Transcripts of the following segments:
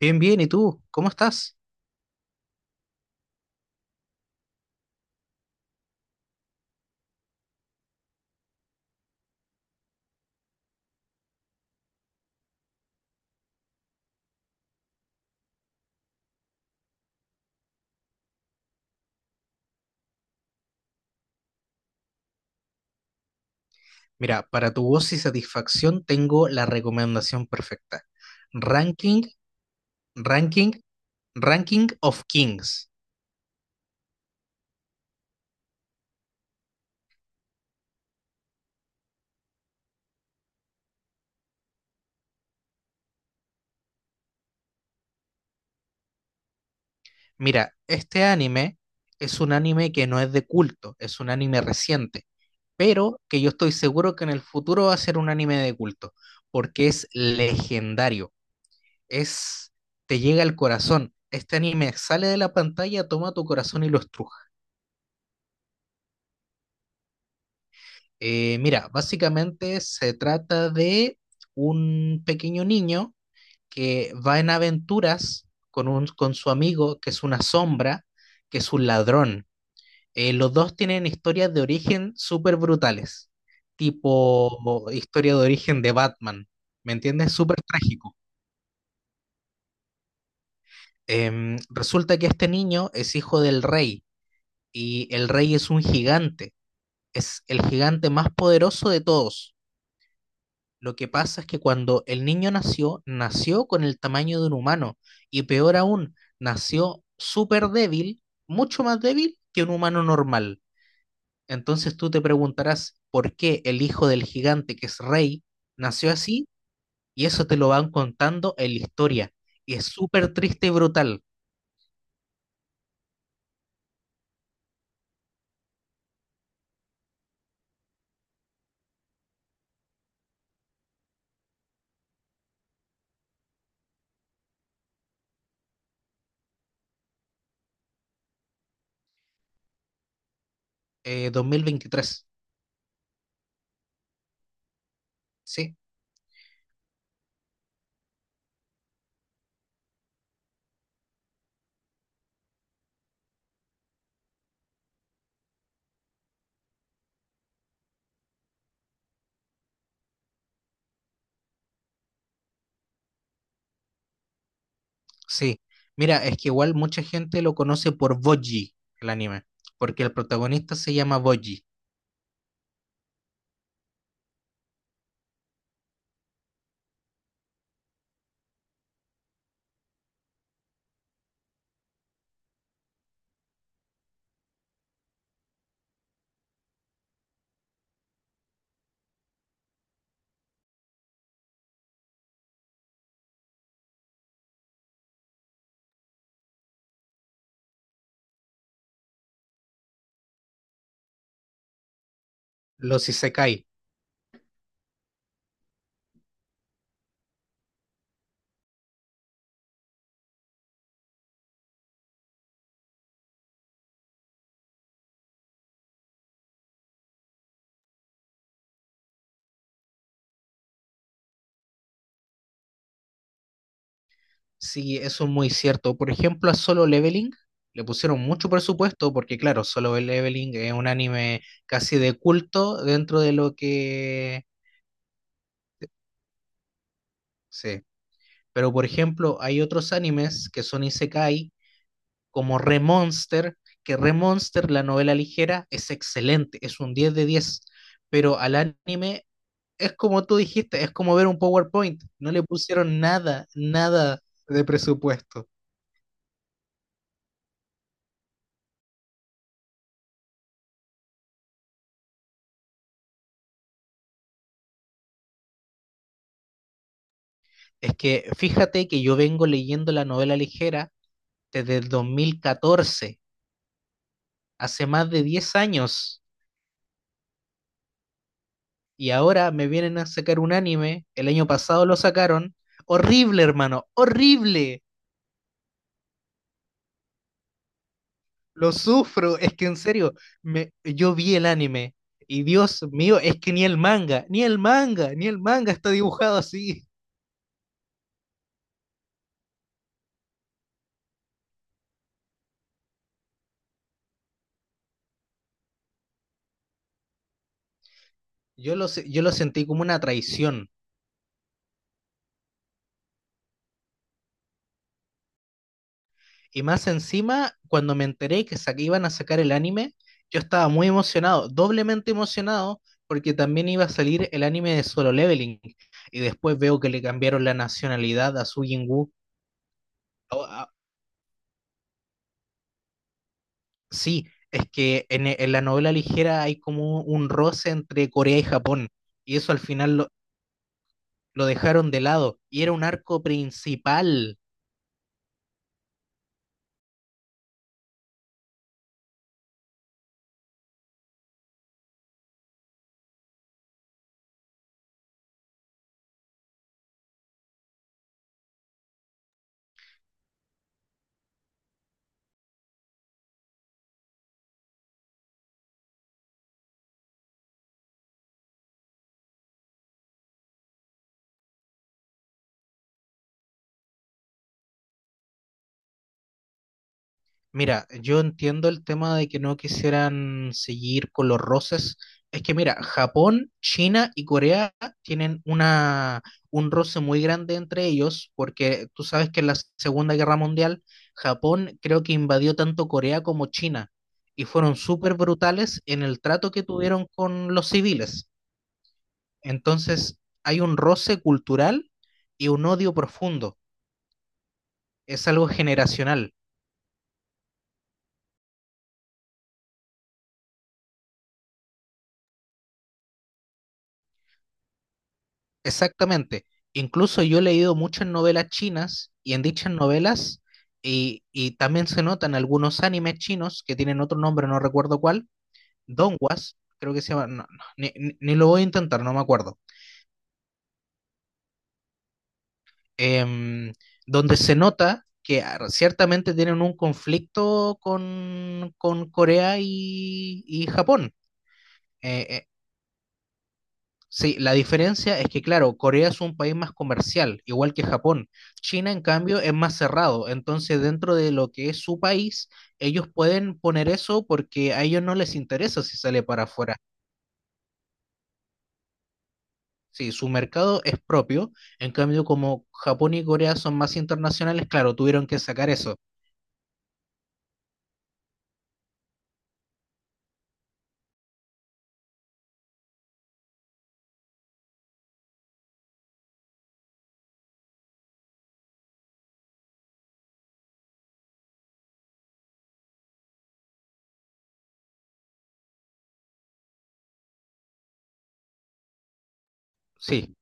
Bien, bien, ¿y tú? ¿Cómo estás? Mira, para tu voz y satisfacción tengo la recomendación perfecta. Ranking, ranking, ranking of Kings. Mira, este anime es un anime que no es de culto, es un anime reciente, pero que yo estoy seguro que en el futuro va a ser un anime de culto, porque es legendario, es, te llega al corazón. Este anime sale de la pantalla, toma tu corazón y lo estruja. Mira, básicamente se trata de un pequeño niño que va en aventuras con su amigo, que es una sombra, que es un ladrón. Los dos tienen historias de origen súper brutales, tipo historia de origen de Batman, ¿me entiendes? Súper trágico. Resulta que este niño es hijo del rey y el rey es un gigante, es el gigante más poderoso de todos. Lo que pasa es que cuando el niño nació, nació con el tamaño de un humano y peor aún, nació súper débil, mucho más débil que un humano normal. Entonces tú te preguntarás por qué el hijo del gigante que es rey nació así y eso te lo van contando en la historia. Y es súper triste y brutal. 2023. Sí, sí. Mira, es que igual mucha gente lo conoce por Boji, el anime, porque el protagonista se llama Boji, los Isekai. Sí, eso es muy cierto. Por ejemplo, a Solo Leveling le pusieron mucho presupuesto porque, claro, Solo Leveling es un anime casi de culto dentro de lo que... Sí. Pero, por ejemplo, hay otros animes que son isekai, como Remonster, que Remonster, la novela ligera, es excelente, es un 10 de diez. Pero al anime es como tú dijiste, es como ver un PowerPoint. No le pusieron nada, nada de presupuesto. Es que fíjate que yo vengo leyendo la novela ligera desde el 2014, hace más de 10 años, y ahora me vienen a sacar un anime, el año pasado lo sacaron, horrible hermano, horrible, lo sufro, es que en serio, yo vi el anime, y Dios mío, es que ni el manga, ni el manga, ni el manga está dibujado así. Yo lo sentí como una traición. Y más encima, cuando me enteré que que iban a sacar el anime, yo estaba muy emocionado, doblemente emocionado, porque también iba a salir el anime de Solo Leveling. Y después veo que le cambiaron la nacionalidad a Su Jin-woo. Ah, ah, Sí, es que en la novela ligera hay como un roce entre Corea y Japón. Y eso al final lo dejaron de lado. Y era un arco principal. Mira, yo entiendo el tema de que no quisieran seguir con los roces. Es que mira, Japón, China y Corea tienen un roce muy grande entre ellos, porque tú sabes que en la Segunda Guerra Mundial, Japón creo que invadió tanto Corea como China, y fueron súper brutales en el trato que tuvieron con los civiles. Entonces, hay un roce cultural y un odio profundo. Es algo generacional. Exactamente. Incluso yo he leído muchas novelas chinas y en dichas novelas y también se notan algunos animes chinos que tienen otro nombre, no recuerdo cuál, Donghuas, creo que se llama, no, no, ni lo voy a intentar, no me acuerdo. Em, donde se nota que ciertamente tienen un conflicto con Corea y Japón. Eh, eh, Sí, la diferencia es que, claro, Corea es un país más comercial, igual que Japón. China, en cambio, es más cerrado. Entonces, dentro de lo que es su país, ellos pueden poner eso porque a ellos no les interesa si sale para afuera. Sí, su mercado es propio. En cambio, como Japón y Corea son más internacionales, claro, tuvieron que sacar eso. Sí,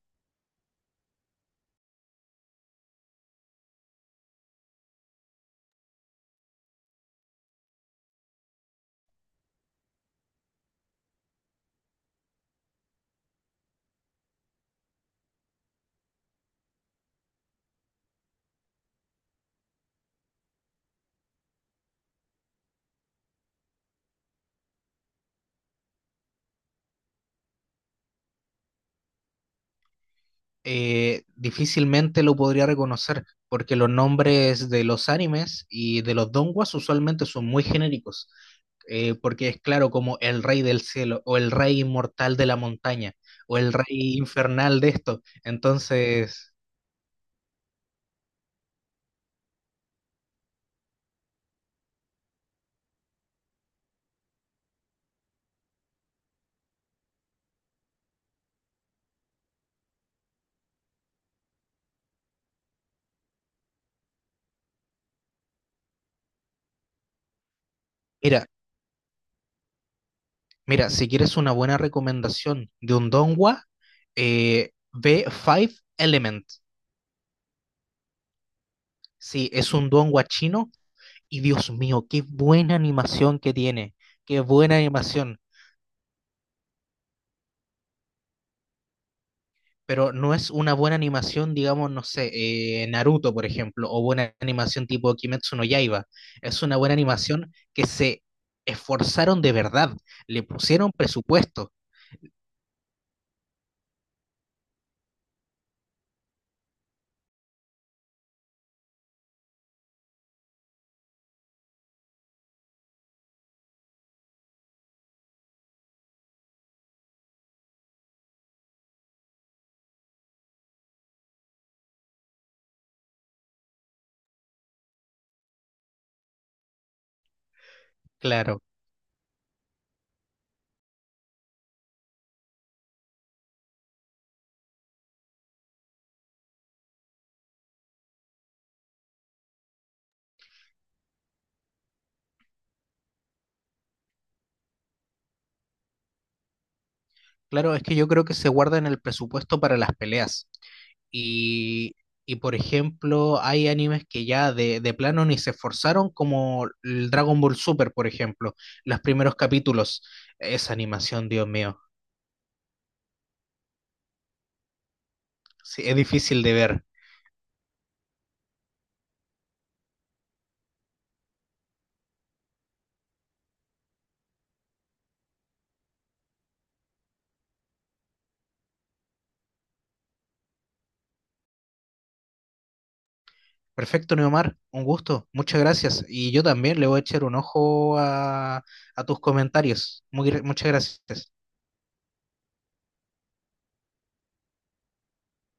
difícilmente lo podría reconocer porque los nombres de los animes y de los donguas usualmente son muy genéricos. Porque es claro como el rey del cielo, o el rey inmortal de la montaña, o el rey infernal de esto. Entonces, mira, mira, si quieres una buena recomendación de un donghua, ve Five Element. Sí, es un donghua chino, y Dios mío, qué buena animación que tiene, qué buena animación. Pero no es una buena animación, digamos, no sé, Naruto, por ejemplo, o buena animación tipo Kimetsu no Yaiba. Es una buena animación que se esforzaron de verdad, le pusieron presupuesto. Claro, claro, es que yo creo que se guardan el presupuesto para las peleas. Y, y por ejemplo, hay animes que ya de plano ni se esforzaron, como el Dragon Ball Super, por ejemplo, los primeros capítulos. Esa animación, Dios mío, sí, es difícil de ver. Perfecto, Neomar, un gusto, muchas gracias. Y yo también le voy a echar un ojo a, tus comentarios. Muchas gracias.